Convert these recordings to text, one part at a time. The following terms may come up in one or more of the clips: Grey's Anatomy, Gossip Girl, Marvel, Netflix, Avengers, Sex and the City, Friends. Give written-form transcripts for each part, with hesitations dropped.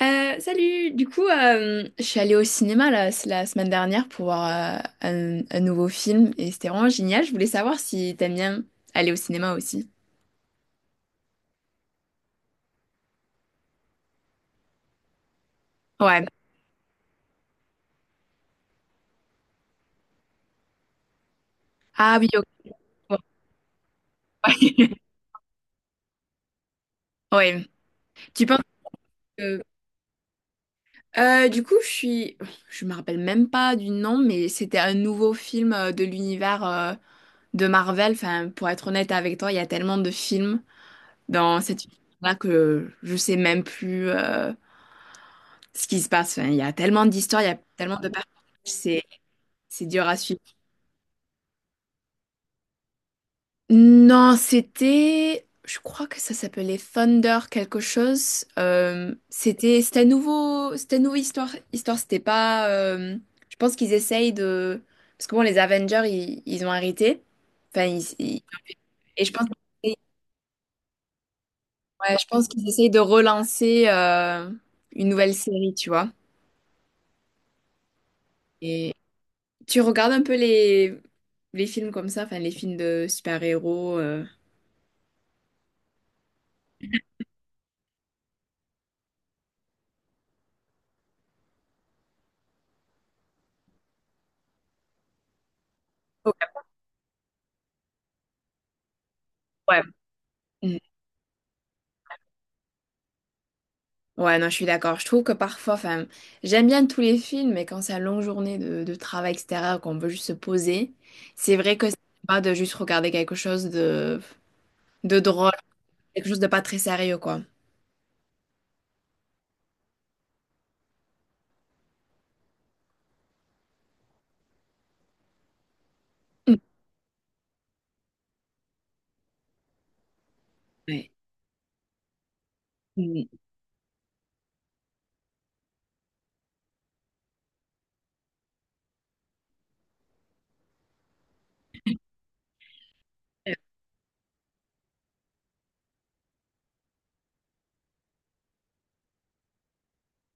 Salut! Du coup, je suis allée au cinéma la semaine dernière pour voir un nouveau film et c'était vraiment génial. Je voulais savoir si t'aimes bien aller au cinéma aussi. Ouais. Ah oui, ok. Ouais. Ouais. Tu penses que... Du coup, je suis... Je me rappelle même pas du nom, mais c'était un nouveau film de l'univers de Marvel. Enfin, pour être honnête avec toi, il y a tellement de films dans cet univers-là que je sais même plus ce qui se passe. Enfin, il y a tellement d'histoires, il y a tellement de personnages, c'est c'est dur à suivre. Non, c'était, je crois que ça s'appelait Thunder quelque chose. C'était un nouveau, c'était une nouvelle histoire. Histoire, c'était pas, je pense qu'ils essayent de, parce que bon, les Avengers, ils ont arrêté. Enfin, et je pense, ouais, je pense qu'ils essayent de relancer une nouvelle série, tu vois. Tu regardes un peu les films comme ça, enfin les films de super-héros. Ok, ouais. Mhm. Ouais, non, je suis d'accord. Je trouve que parfois, enfin, j'aime bien tous les films, mais quand c'est une longue journée de travail extérieur, qu'on veut juste se poser, c'est vrai que c'est pas de juste regarder quelque chose de drôle, quelque chose de pas très sérieux, quoi. Mhm. Ouais. Mhm.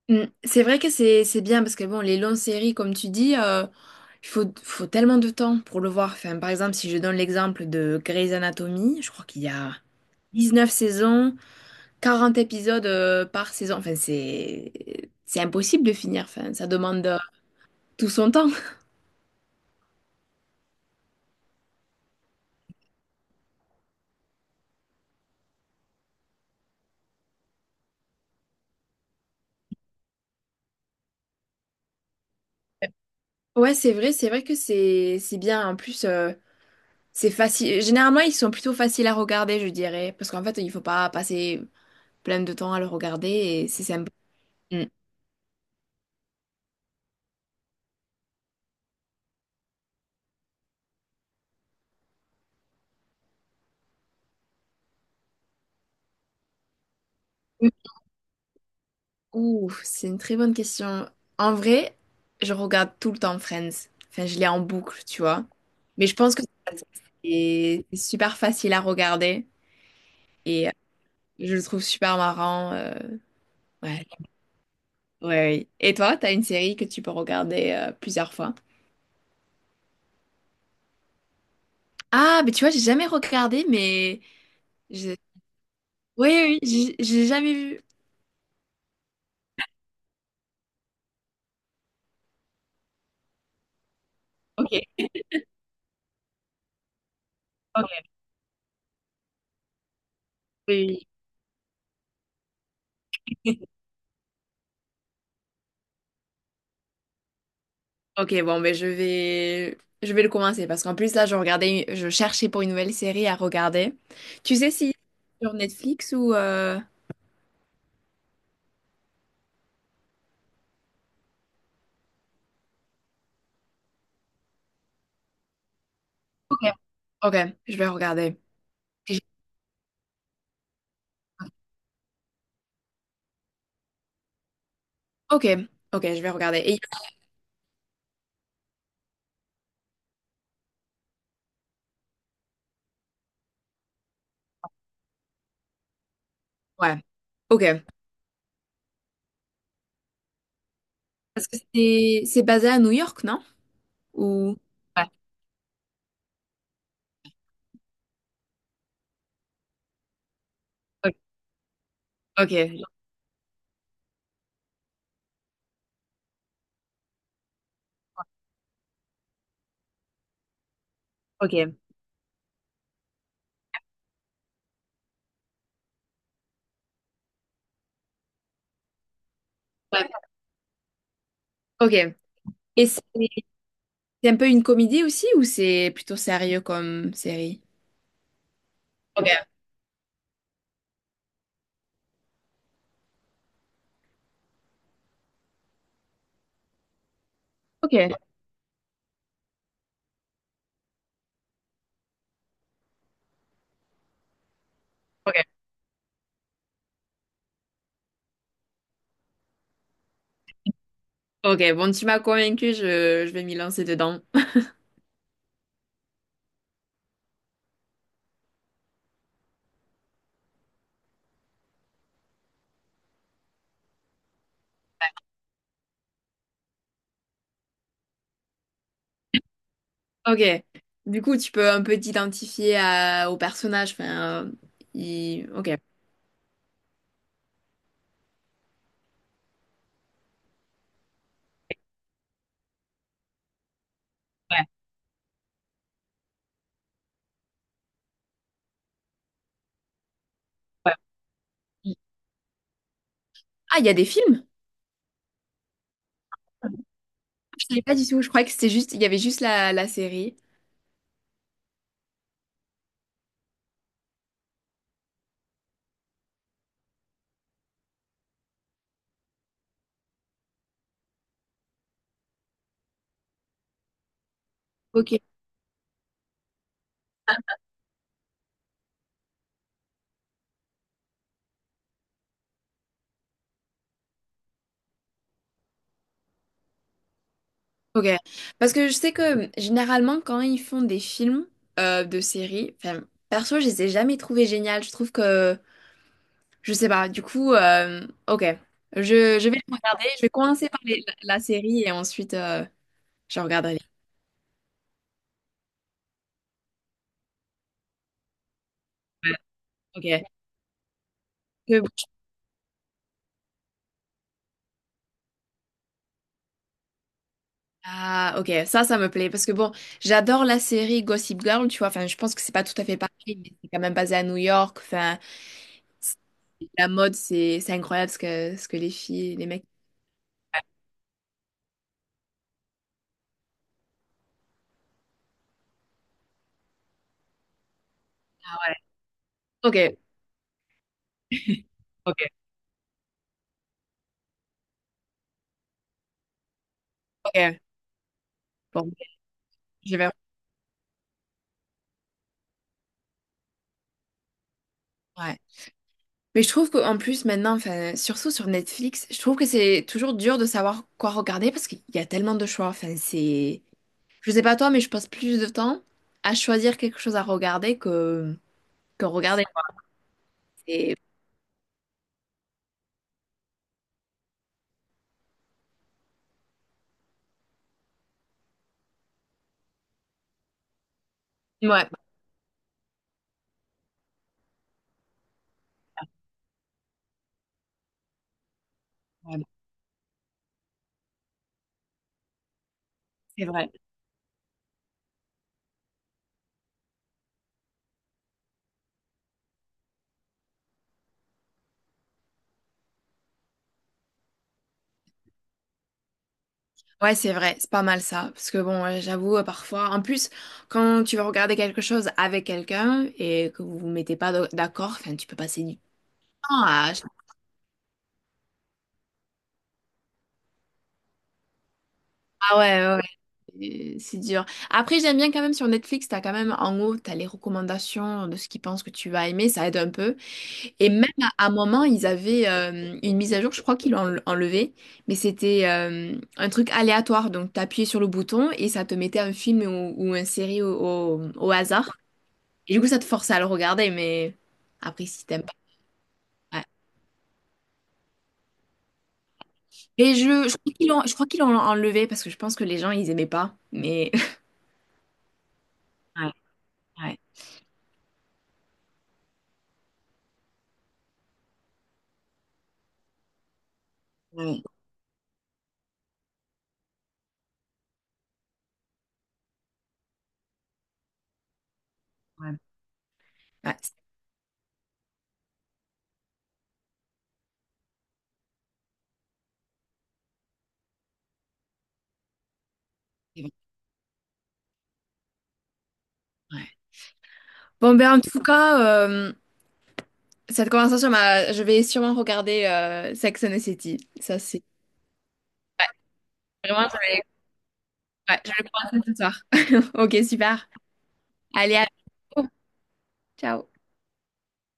Mm. C'est vrai que c'est bien parce que bon, les longues séries comme tu dis, il faut tellement de temps pour le voir. Enfin, par exemple, si je donne l'exemple de Grey's Anatomy, je crois qu'il y a 19 saisons, 40 épisodes par saison. Enfin, c'est impossible de finir. Enfin, ça demande tout son temps. Ouais, c'est vrai, que c'est bien. En plus, c'est facile. Généralement, ils sont plutôt faciles à regarder, je dirais, parce qu'en fait, il faut pas passer plein de temps à le regarder et c'est sympa. Mm. Ouh, c'est une très bonne question. En vrai, je regarde tout le temps Friends. Enfin, je l'ai en boucle, tu vois. Mais je pense que c'est super facile à regarder et je le trouve super marrant. Ouais, ouais. Et toi, t'as une série que tu peux regarder plusieurs fois? Ah, mais tu vois, j'ai jamais regardé, mais je- oui, oui, j'ai jamais vu. Ok, ok. Oui, oui. Ok, bon, ben je vais le commencer parce qu'en plus là, je regardais, je cherchais pour une nouvelle série à regarder. Tu sais si sur Netflix ou ok, ok, je vais regarder. Et- j'ai- Ok, ok, je vais regarder. Et... Ouais, ok. Parce que c'est basé à New York, non? Ou ouais, ok, ok, ok. Ouais, ok. Et c'est un peu une comédie aussi, ou c'est plutôt sérieux comme série? Ok, ok, ok. Ok, bon, tu m'as convaincu, je vais m'y lancer dedans. Ok. Du coup, tu peux un peu t'identifier à- au personnage. Enfin, il- ok. Ouais, ouais. Mm. Ah, il y a des films? Je savais pas du tout. Je croyais que c'était juste, il y avait juste la série. Ok. Ok. Parce que je sais que généralement, quand ils font des films de séries, enfin, perso, je les ai jamais trouvés géniales. Je trouve que, je sais pas. Du coup, ok. Je vais le regarder. Je vais commencer par les- la série et ensuite, je regarderai. Ouais, ok. Ah, ok, ça me plaît. Parce que bon, j'adore la série Gossip Girl, tu vois. Enfin, je pense que c'est pas tout à fait pareil, mais c'est quand même basé à New York. Enfin, c'est- la mode, c'est incroyable ce que les filles, et les mecs. Ah ouais. Ok, ok, ok. Bon, je vais. Ouais. Mais je trouve qu'en plus, maintenant, enfin, surtout sur Netflix, je trouve que c'est toujours dur de savoir quoi regarder parce qu'il y a tellement de choix. Enfin, c'est. Je sais pas toi, mais je passe plus de temps à choisir quelque chose à regarder que regarder. C'est- ouais, ouais, c'est vrai. Ouais, c'est vrai, c'est pas mal ça. Parce que bon, j'avoue, parfois, en plus, quand tu vas regarder quelque chose avec quelqu'un et que vous vous mettez pas d'accord, enfin, tu peux passer du temps à... Ah ouais, ouais, c'est dur. Après, j'aime bien quand même sur Netflix, t'as quand même en haut, t'as les recommandations de ce qu'ils pensent que tu vas aimer, ça aide un peu. Et même à un moment, ils avaient une mise à jour, je crois qu'ils l'ont enlevée, mais c'était un truc aléatoire. Donc, t'appuyais sur le bouton et ça te mettait un film ou une série au hasard. Et du coup, ça te force à le regarder, mais après, si t'aimes pas. Ouais. Et je crois qu'ils l'ont, je crois qu'ils l'ont enlevé parce que je pense que les gens, ils aimaient pas. Mais. Ouais, ouais, ouais, ouais. Ouais, c'est vrai, ouais. Bon, ben, en tout cas, cette conversation m'a. Je vais sûrement regarder Sex and the City. Ça, c'est. Vraiment, je vais, ouais, je vais le commencer ce soir. Ok, super. Allez, à